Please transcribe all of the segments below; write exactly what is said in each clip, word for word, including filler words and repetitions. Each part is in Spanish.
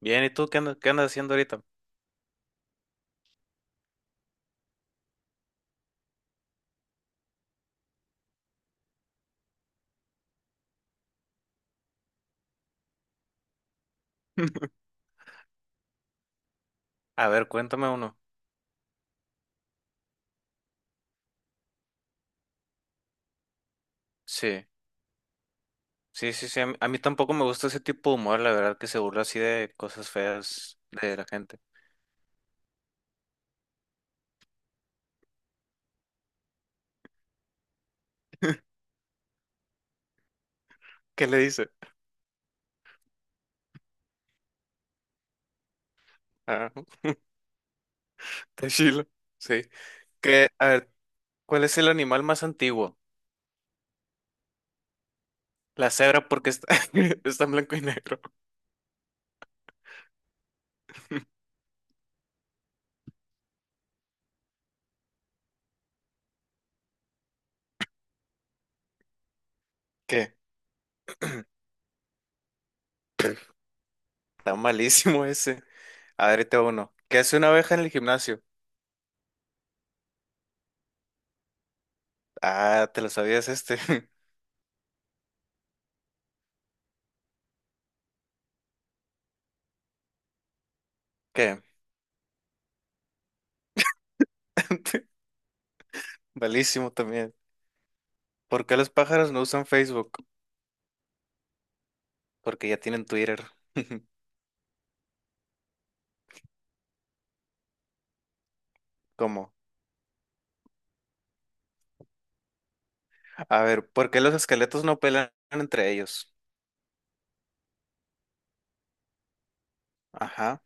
Bien, ¿y tú qué andas, qué andas haciendo ahorita? A ver, cuéntame uno. Sí, sí, sí, sí. A mí, a mí tampoco me gusta ese tipo de humor, la verdad, que se burla así de cosas feas de la gente. ¿Qué le dice? Ah, está chilo. Sí. Que, a ver, ¿cuál es el animal más antiguo? La cebra porque está, está en blanco y negro. ¿Qué? Está malísimo ese. A ver, ahí te va uno. ¿Qué hace una abeja en el gimnasio? Ah, te lo sabías este. ¿Qué? Malísimo también. ¿Por qué los pájaros no usan Facebook? Porque ya tienen Twitter. ¿Cómo? A ver, ¿por qué los esqueletos no pelean entre ellos? Ajá,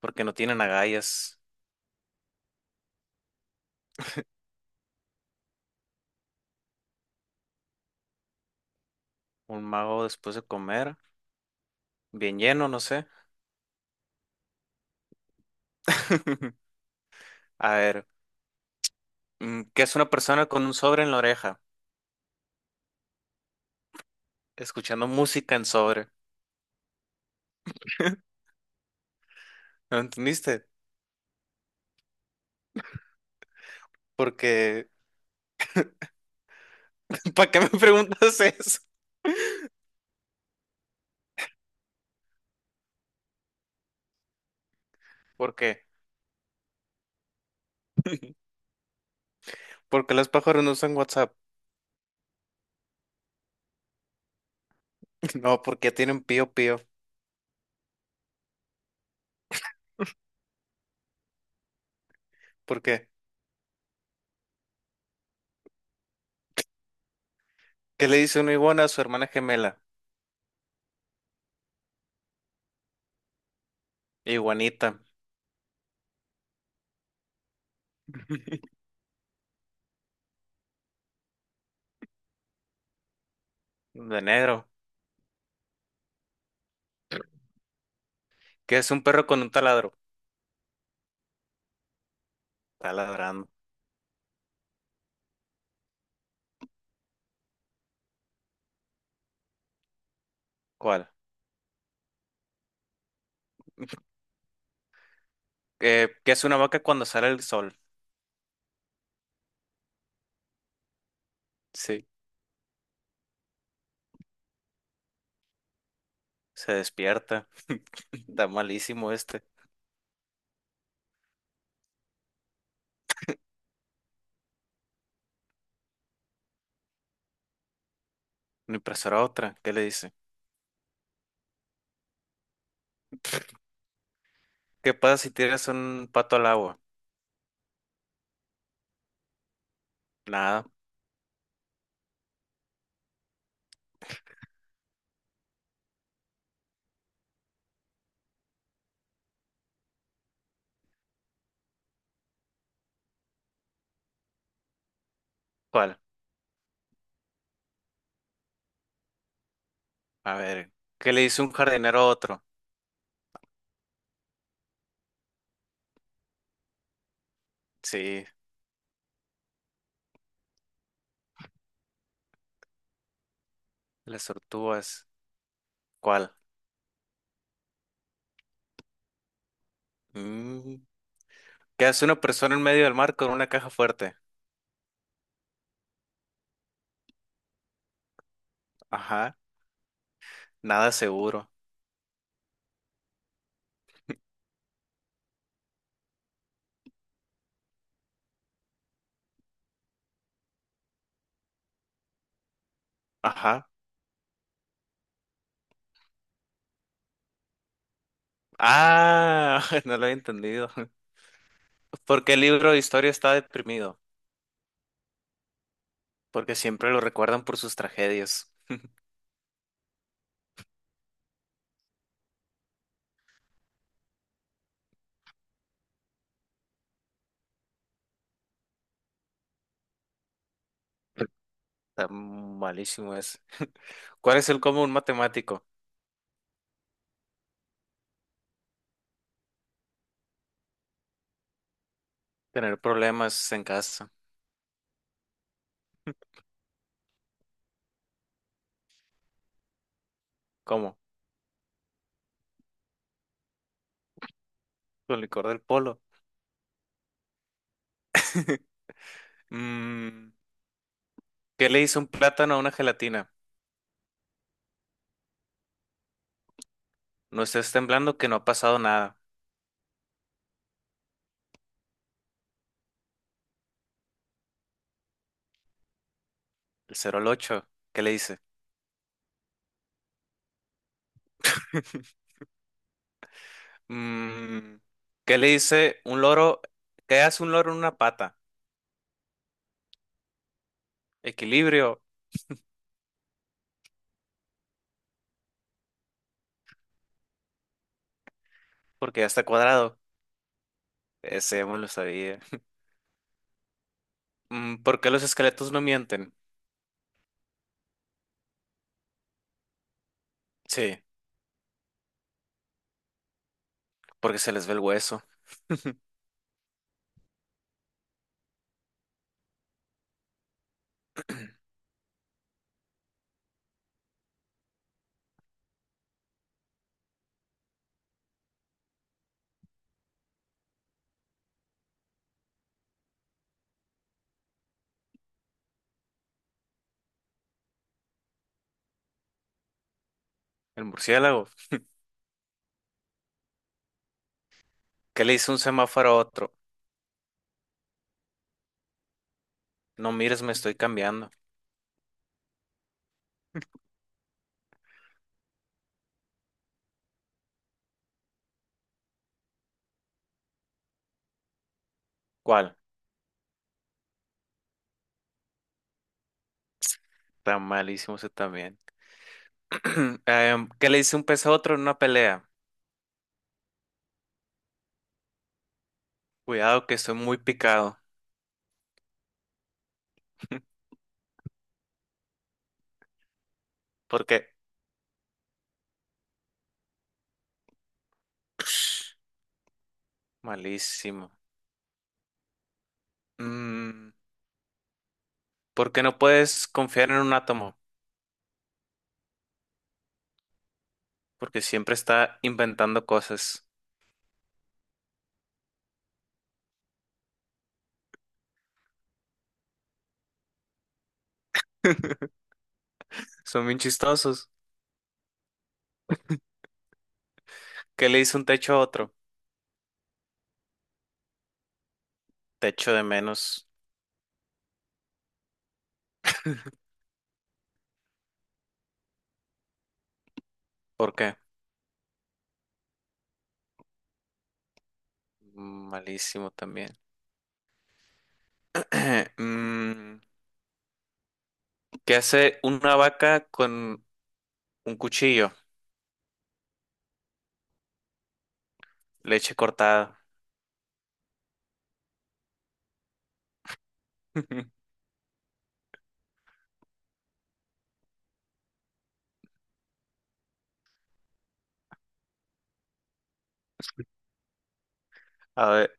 porque no tienen agallas. Un mago después de comer, bien lleno, no sé. A ver, mm, ¿qué es una persona con un sobre en la oreja? Escuchando música en sobre. ¿No entendiste? Porque, ¿para qué me preguntas eso? ¿Por qué? Porque los pájaros no usan WhatsApp. No, porque ya tienen pío pío. ¿Por qué? ¿Qué le dice una iguana a su hermana gemela? Iguanita, de negro. ¿Qué es un perro con un taladro? Está ladrando. ¿Cuál? ¿Qué, qué es una vaca cuando sale el sol? Sí, se despierta. Está malísimo este. Una impresora otra. ¿Qué le dice? ¿Qué pasa si tiras un pato al agua? Nada. ¿Cuál? A ver. ¿Qué le dice un jardinero a otro? Sí, las tortugas. ¿Cuál? Mm, ¿Qué hace una persona en medio del mar con una caja fuerte? Ajá. Nada seguro. Ajá. Ah, no lo he entendido. Porque el libro de historia está deprimido, porque siempre lo recuerdan por sus tragedias. Está malísimo ese. ¿Cuál es el común matemático? Tener problemas en casa. ¿Cómo? Con licor del polo. Mm, ¿qué le hizo un plátano a una gelatina? No estés temblando que no ha pasado nada. El cero al ocho. ¿Qué le dice? Mm, ¿qué le dice un loro? ¿Qué hace un loro en una pata? Equilibrio, porque ya está cuadrado. Ese ya me lo sabía. Mm, ¿Por qué los esqueletos no mienten? Sí, porque se les ve el hueso. El murciélago. ¿Qué le hizo un semáforo a otro? No mires, me estoy cambiando. ¿Cuál? Está malísimo ese también. Em, ¿qué le dice un pez a otro en una pelea? Cuidado que estoy muy picado. ¿Por qué? Malísimo. Mm, ¿por qué no puedes confiar en un átomo? Porque siempre está inventando cosas. Son bien chistosos. ¿Qué le hizo un techo a otro? Techo de menos. ¿Por qué? Mm, Malísimo también. Mm, ¿Qué hace una vaca con un cuchillo? Leche cortada. A ver,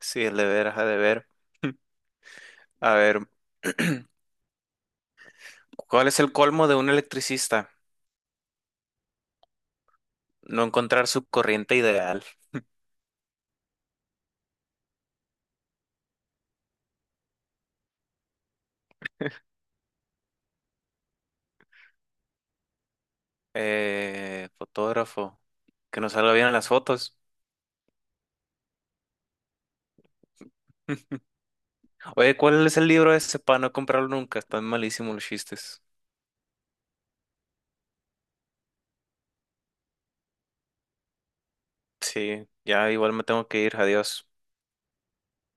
sí, el de veras, ha de ver. A ver, ¿cuál es el colmo de un electricista? No encontrar su corriente ideal. Eh, fotógrafo, que no salga bien en las fotos. Oye, ¿cuál es el libro ese para no comprarlo nunca? Están malísimos los chistes. Sí, ya igual me tengo que ir, adiós.